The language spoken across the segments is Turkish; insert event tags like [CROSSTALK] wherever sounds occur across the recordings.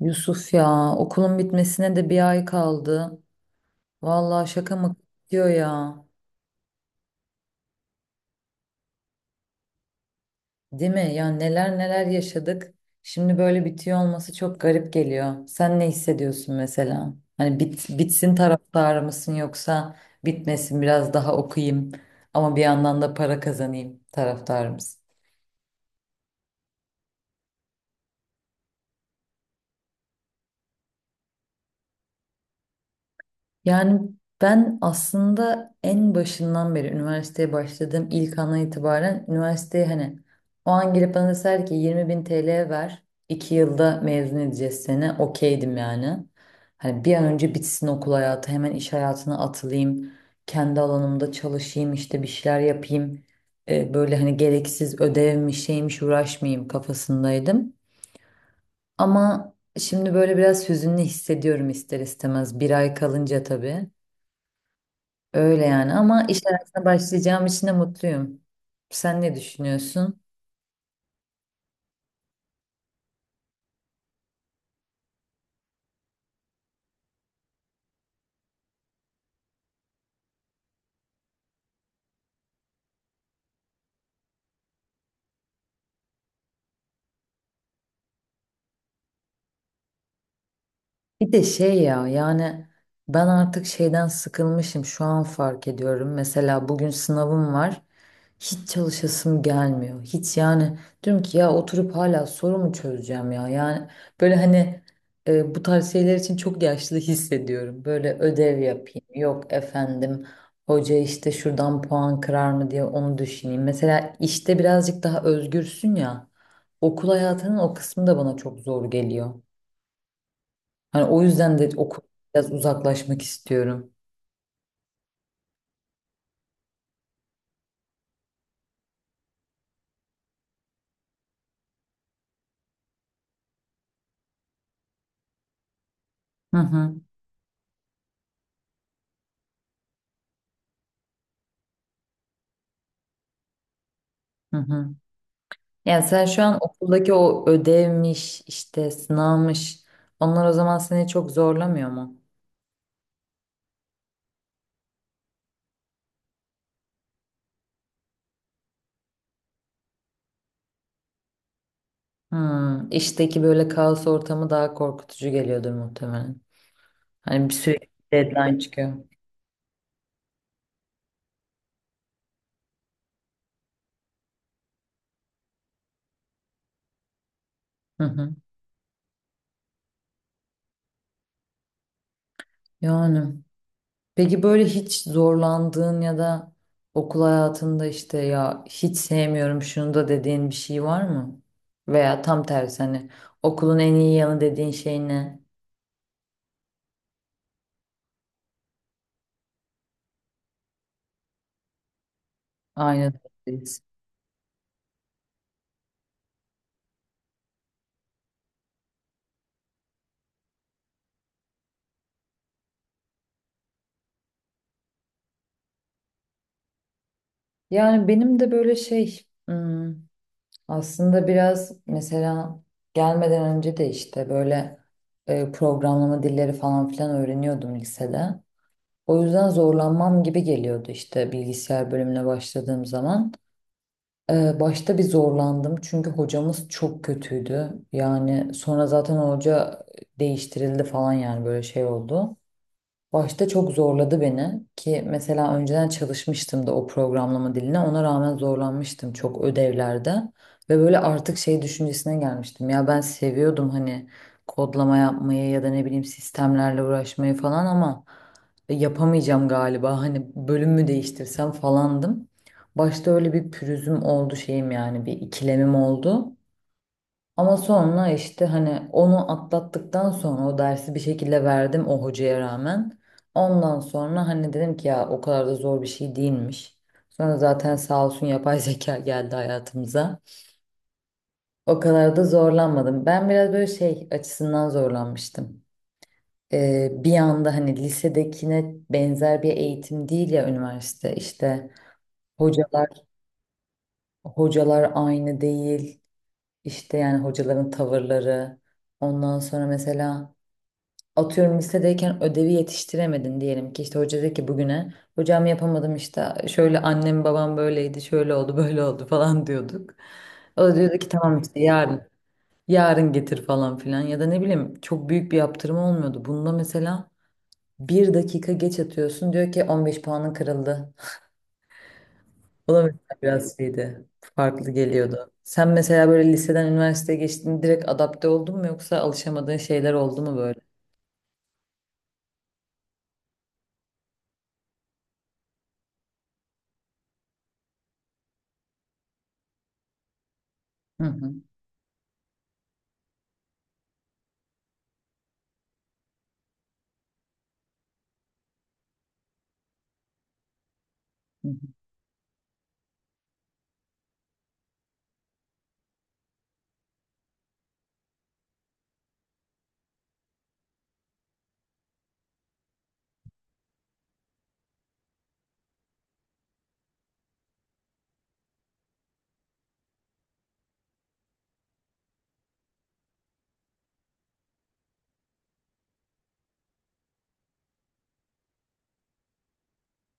Yusuf, ya okulun bitmesine de 1 ay kaldı. Vallahi şaka mı bitiyor ya. Değil mi? Ya neler neler yaşadık. Şimdi böyle bitiyor olması çok garip geliyor. Sen ne hissediyorsun mesela? Hani bitsin taraftarı mısın, yoksa bitmesin biraz daha okuyayım ama bir yandan da para kazanayım taraftarı mısın? Yani ben aslında en başından beri üniversiteye başladığım ilk andan itibaren üniversiteye, hani o an girip bana deseler ki 20 bin TL ver, 2 yılda mezun edeceğiz seni, okeydim yani. Hani bir an önce bitsin okul hayatı, hemen iş hayatına atılayım, kendi alanımda çalışayım, işte bir şeyler yapayım. Böyle hani gereksiz ödevmiş şeymiş uğraşmayayım kafasındaydım. Ama şimdi böyle biraz hüzünlü hissediyorum ister istemez, 1 ay kalınca tabii. Öyle yani, ama iş hayatına başlayacağım için de mutluyum. Sen ne düşünüyorsun? Bir de şey ya, yani ben artık şeyden sıkılmışım şu an fark ediyorum. Mesela bugün sınavım var. Hiç çalışasım gelmiyor. Hiç, yani diyorum ki ya oturup hala soru mu çözeceğim ya? Yani böyle hani bu tarz şeyler için çok yaşlı hissediyorum. Böyle ödev yapayım, yok efendim hoca işte şuradan puan kırar mı diye onu düşüneyim. Mesela işte birazcık daha özgürsün ya. Okul hayatının o kısmı da bana çok zor geliyor. Hani o yüzden de okul biraz uzaklaşmak istiyorum. Hı hı, hı hı. Yani sen şu an okuldaki o ödevmiş, işte sınavmış, onlar o zaman seni çok zorlamıyor mu? Hmm, işteki böyle kaos ortamı daha korkutucu geliyordur muhtemelen. Hani bir sürekli deadline çıkıyor. Hı hı. Yani. Peki böyle hiç zorlandığın ya da okul hayatında işte ya hiç sevmiyorum şunu da dediğin bir şey var mı? Veya tam tersi, hani okulun en iyi yanı dediğin şey ne? Aynı durumdayız. Yani benim de böyle şey hmm, aslında biraz mesela gelmeden önce de işte böyle programlama dilleri falan filan öğreniyordum lisede. O yüzden zorlanmam gibi geliyordu işte bilgisayar bölümüne başladığım zaman. Başta bir zorlandım çünkü hocamız çok kötüydü. Yani sonra zaten hoca değiştirildi falan, yani böyle şey oldu. Başta çok zorladı beni, ki mesela önceden çalışmıştım da o programlama diline, ona rağmen zorlanmıştım çok ödevlerde ve böyle artık şey düşüncesine gelmiştim ya, ben seviyordum hani kodlama yapmayı ya da ne bileyim sistemlerle uğraşmayı falan, ama yapamayacağım galiba, hani bölüm mü değiştirsem falandım. Başta öyle bir pürüzüm oldu, şeyim yani bir ikilemim oldu. Ama sonra işte hani onu atlattıktan sonra o dersi bir şekilde verdim o hocaya rağmen. Ondan sonra hani dedim ki ya o kadar da zor bir şey değilmiş. Sonra zaten sağ olsun yapay [LAUGHS] zeka geldi hayatımıza. O kadar da zorlanmadım. Ben biraz böyle şey açısından zorlanmıştım. Bir anda hani lisedekine benzer bir eğitim değil ya üniversite, işte hocalar hocalar aynı değil. İşte yani hocaların tavırları. Ondan sonra mesela atıyorum, lisedeyken ödevi yetiştiremedin diyelim ki, işte hoca dedi ki bugüne, hocam yapamadım işte şöyle, annem babam böyleydi, şöyle oldu [LAUGHS] böyle oldu falan diyorduk. O da diyordu ki tamam işte yarın, yarın getir falan filan, ya da ne bileyim, çok büyük bir yaptırma olmuyordu. Bunda mesela 1 dakika geç atıyorsun, diyor ki 15 puanın kırıldı. [LAUGHS] O da mesela biraz şeydi, farklı geliyordu. Sen mesela böyle liseden üniversiteye geçtiğinde direkt adapte oldun mu, yoksa alışamadığın şeyler oldu mu böyle? Hı hı. Hı hı.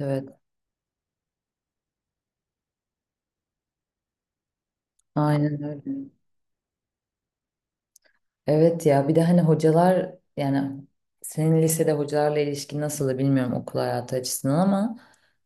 Evet. Aynen öyle. Evet ya, bir de hani hocalar, yani senin lisede hocalarla ilişkin nasıldı bilmiyorum okul hayatı açısından, ama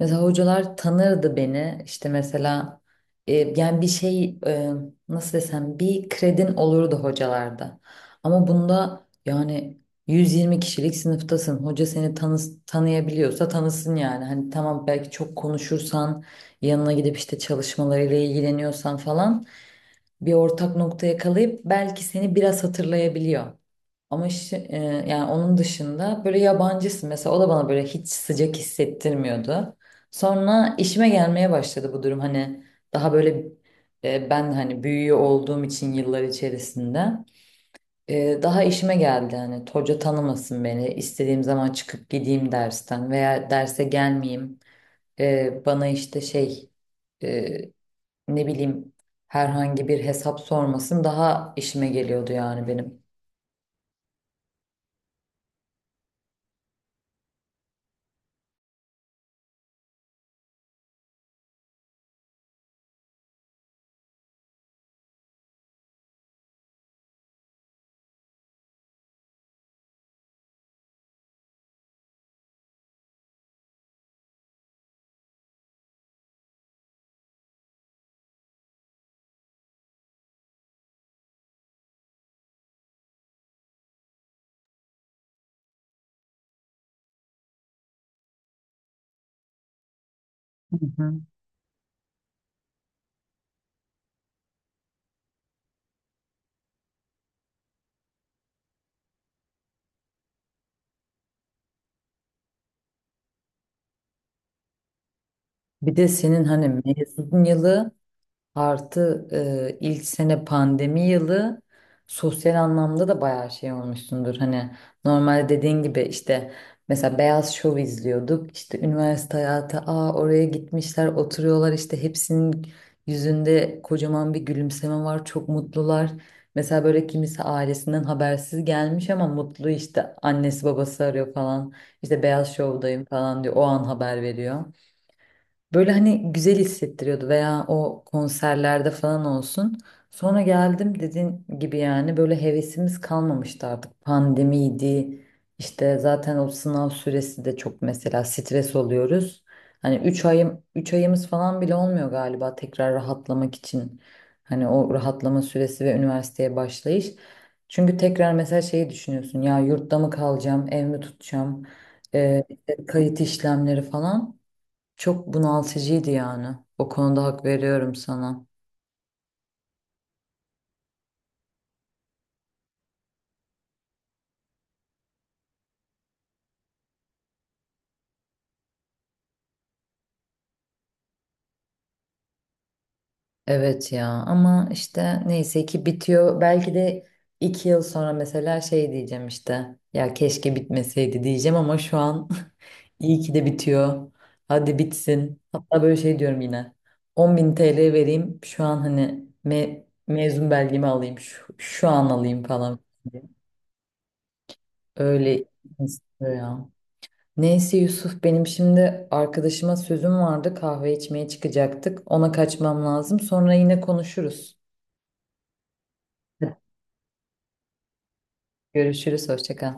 mesela hocalar tanırdı beni işte, mesela e, yani bir şey nasıl desem, bir kredin olurdu hocalarda. Ama bunda yani 120 kişilik sınıftasın, hoca seni tanıyabiliyorsa tanısın yani, hani tamam, belki çok konuşursan, yanına gidip işte çalışmalarıyla ilgileniyorsan falan, bir ortak nokta yakalayıp belki seni biraz hatırlayabiliyor. Ama yani onun dışında böyle yabancısın, mesela o da bana böyle hiç sıcak hissettirmiyordu. Sonra işime gelmeye başladı bu durum, hani daha böyle ben hani büyüğü olduğum için yıllar içerisinde daha işime geldi, hani hoca tanımasın beni, istediğim zaman çıkıp gideyim dersten veya derse gelmeyeyim. Bana işte şey e, ne bileyim, herhangi bir hesap sormasın, daha işime geliyordu yani benim. Hı hı. Bir de senin hani mezun yılı artı ilk sene pandemi yılı, sosyal anlamda da bayağı şey olmuşsundur. Hani normalde dediğin gibi işte, mesela Beyaz Şov izliyorduk. İşte üniversite hayatı, aa oraya gitmişler oturuyorlar işte, hepsinin yüzünde kocaman bir gülümseme var, çok mutlular. Mesela böyle kimisi ailesinden habersiz gelmiş ama mutlu, işte annesi babası arıyor falan. İşte Beyaz Şov'dayım falan diyor, o an haber veriyor. Böyle hani güzel hissettiriyordu, veya o konserlerde falan olsun. Sonra geldim dediğin gibi, yani böyle hevesimiz kalmamıştı artık. Pandemiydi. İşte zaten o sınav süresi de çok, mesela stres oluyoruz. Hani 3 ayım, 3 ayımız falan bile olmuyor galiba tekrar rahatlamak için. Hani o rahatlama süresi ve üniversiteye başlayış. Çünkü tekrar mesela şeyi düşünüyorsun ya, yurtta mı kalacağım, ev mi tutacağım, işte kayıt işlemleri falan. Çok bunaltıcıydı yani. O konuda hak veriyorum sana. Evet ya, ama işte neyse ki bitiyor. Belki de 2 yıl sonra mesela şey diyeceğim işte, ya keşke bitmeseydi diyeceğim, ama şu an [LAUGHS] iyi ki de bitiyor. Hadi bitsin. Hatta böyle şey diyorum yine. 10.000 TL vereyim şu an hani mezun belgemi alayım. Şu an alayım falan. Öyle istiyor ya. Neyse Yusuf, benim şimdi arkadaşıma sözüm vardı, kahve içmeye çıkacaktık. Ona kaçmam lazım. Sonra yine konuşuruz. Görüşürüz, hoşça kal.